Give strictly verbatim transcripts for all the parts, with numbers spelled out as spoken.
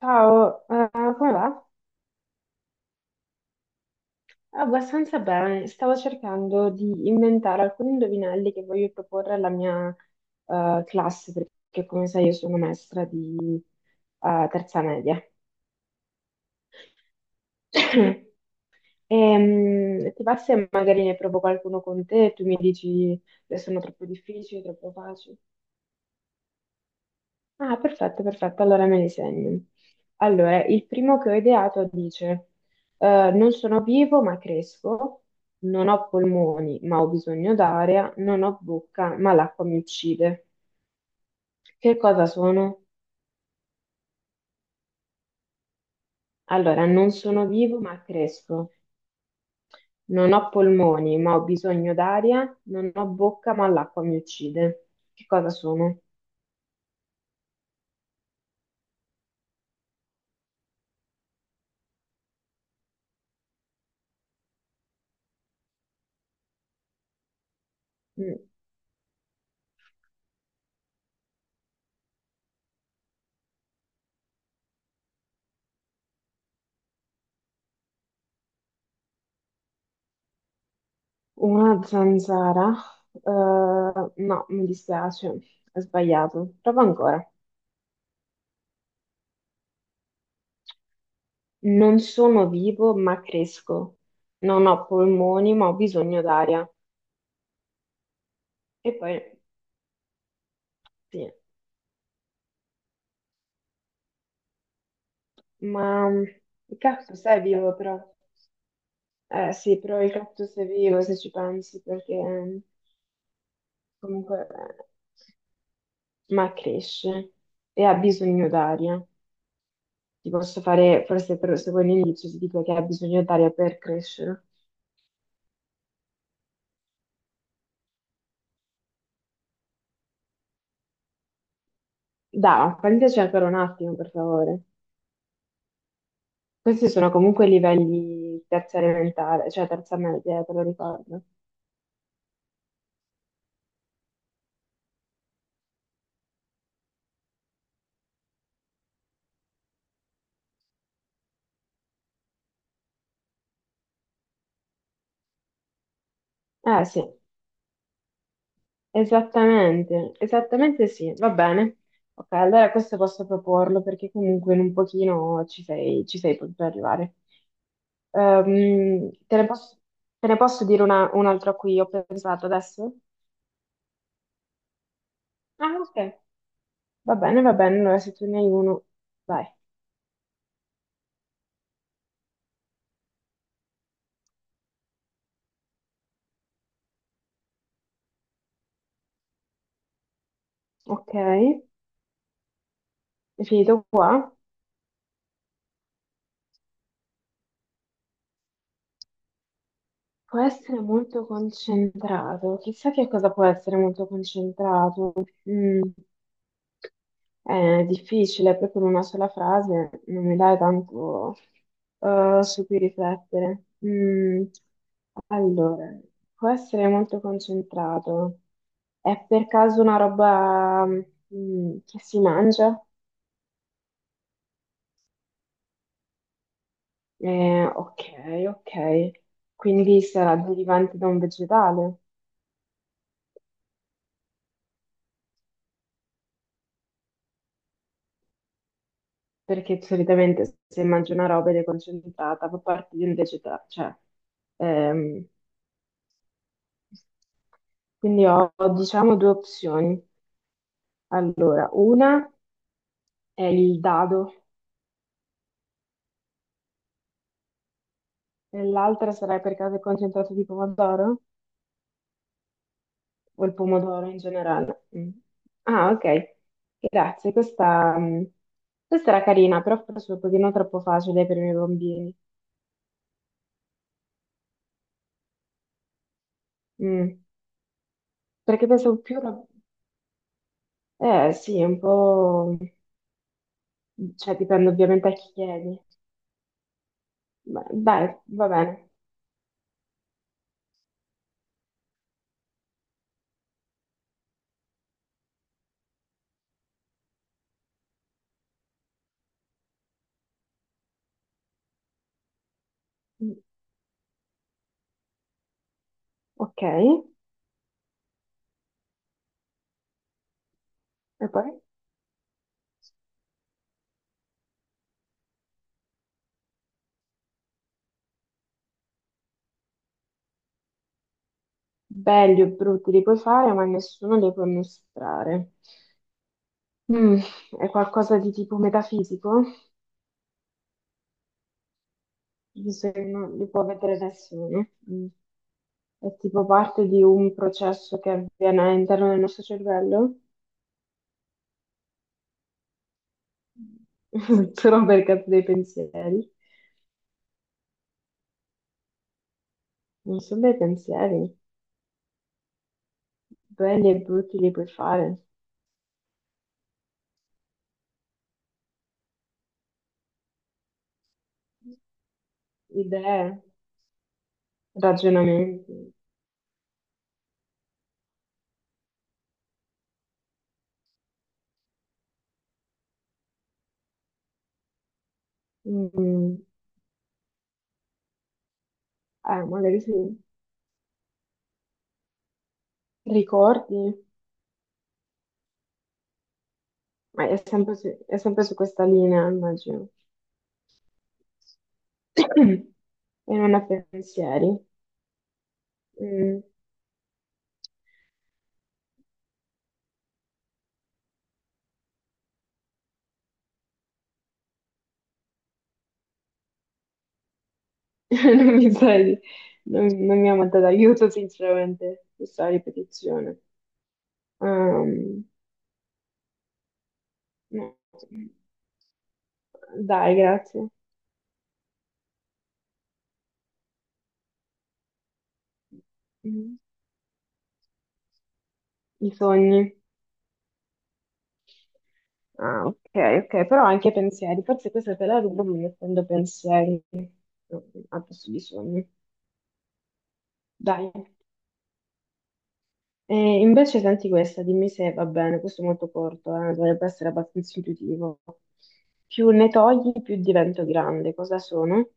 Ciao, eh, come va? Abbastanza bene. Stavo cercando di inventare alcuni indovinelli che voglio proporre alla mia eh, classe, perché come sai io sono maestra di eh, terza media. E, ti va se magari ne provo qualcuno con te e tu mi dici che sono troppo difficili, troppo facili? Ah, perfetto, perfetto, allora me li segno. Allora, il primo che ho ideato dice, eh, non sono vivo ma cresco, non ho polmoni ma ho bisogno d'aria, non ho bocca ma l'acqua mi uccide. Che cosa sono? Allora, non sono vivo ma cresco, non ho polmoni ma ho bisogno d'aria, non ho bocca ma l'acqua mi uccide. Che cosa sono? Mm. Una zanzara? Eh, no, mi dispiace, ho sbagliato. Prova ancora. Non sono vivo, ma cresco. Non ho polmoni, ma ho bisogno d'aria. E poi, sì, ma mm, il cactus è vivo, però. Eh sì, però il cactus è vivo se ci pensi, perché mm, comunque, eh, ma cresce e ha bisogno d'aria. Ti posso fare, forse per, se vuoi l'inizio, ti dico che ha bisogno d'aria per crescere. Da, fammi ancora un attimo, per favore. Questi sono comunque livelli terza elementare, cioè terza media, te lo ricordo. Eh sì, esattamente, esattamente sì, va bene. Ok, allora questo posso proporlo perché comunque in un pochino ci sei, ci sei potuto arrivare. Ehm, te ne posso, te ne posso dire una, un altro a cui ho pensato adesso? Ah, ok, va bene, va bene, allora se tu ne hai uno, vai. Ok, è finito qua. Può essere molto concentrato, chissà che cosa può essere molto concentrato. Mm. Eh, È difficile, proprio in una sola frase non mi dai tanto eh, su cui riflettere. Mm, allora, può essere molto concentrato. È per caso una roba mm, che si mangia? Eh, ok, ok. Quindi sarà derivante da un vegetale, perché solitamente se mangi una roba ed è concentrata, fa parte di un vegetale, cioè ehm, quindi ho, ho, diciamo due opzioni. Allora, una è il dado e l'altra sarà per caso il concentrato di pomodoro o il pomodoro in generale. Mm. Ah, ok. Grazie, questa, mm, questa era carina, però forse un pochino troppo facile per i miei bambini. Mm. Perché pensavo più. rob- Eh sì, è un po'. Cioè, dipende ovviamente a chi chiedi. Beh, dai, va bene. Mm. Ok. E poi? Belli o brutti li puoi fare, ma nessuno li può mostrare. Mm, è qualcosa di tipo metafisico, visto che non li può vedere nessuno. Mm. È tipo parte di un processo che avviene all'interno del nostro cervello, solo per caso dei pensieri. Non sono dei pensieri, belli e brutti li puoi fare, idee, ragionamenti. Mm, eh, magari sì. Ricordi, ma è sempre su, è sempre su questa linea, immagino. E non ha pensieri. Mm. Non mi sa di- non, non mi ha mandato aiuto, sinceramente, questa ripetizione. Ehm, no. Dai, grazie. Mm. I sogni. Ah, ok, ok, però anche pensieri. Forse questa te la rubo mettendo pensieri. No, ha posto di sogni. Dai. E invece senti questa, dimmi se va bene, questo è molto corto, eh, dovrebbe essere abbastanza intuitivo. Più ne togli, più divento grande. Cosa sono?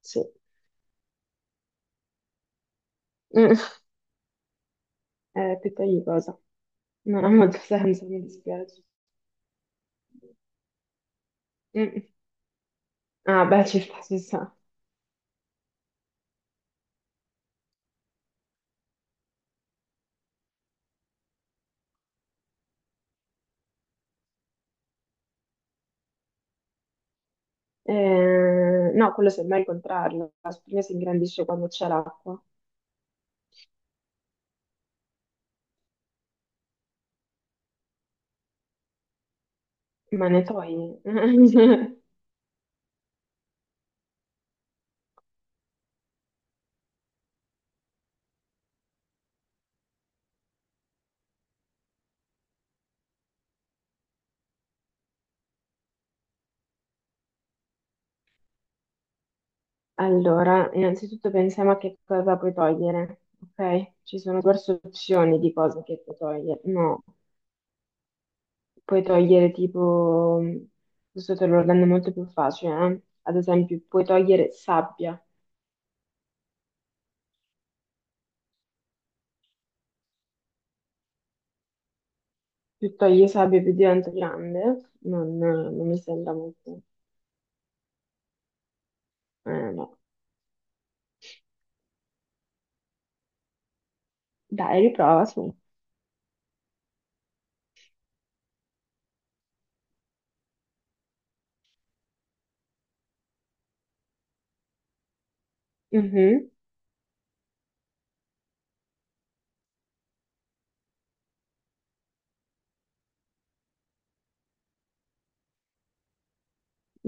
Sì. Mm. Eh, più togli cosa? Non ha molto senso, mi dispiace. Mm. Ah, beh, ci sta, ci sta. Eh, no, quello semmai è il contrario. La spugna si ingrandisce quando c'è l'acqua, ma ne togli. Allora, innanzitutto pensiamo a che cosa puoi togliere, ok? Ci sono diverse opzioni di cose che puoi togliere. No, puoi togliere tipo, questo te lo rende molto più facile, eh. Ad esempio, puoi togliere sabbia, più togli sabbia più diventa grande, non, non mi sembra molto, eh, no. Dai, riprova su. Mhm.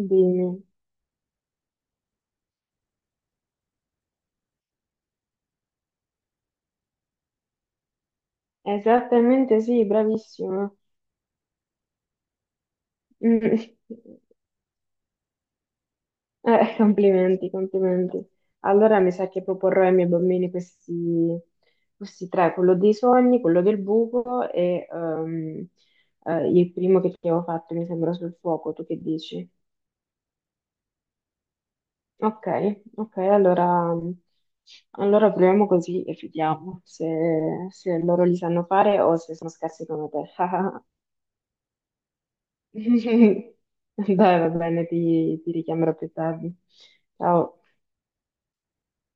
Dimmi. Esattamente sì, bravissimo. Mm. Eh, Complimenti, complimenti. Allora mi sa che proporrò ai miei bambini questi, questi tre, quello dei sogni, quello del buco e ehm, eh, il primo che ti avevo fatto mi sembra sul fuoco, tu che dici? Ok, ok, allora, allora proviamo così e vediamo se, se loro li sanno fare o se sono scarsi come te. Dai, va bene, ti ti richiamerò più tardi. Ciao.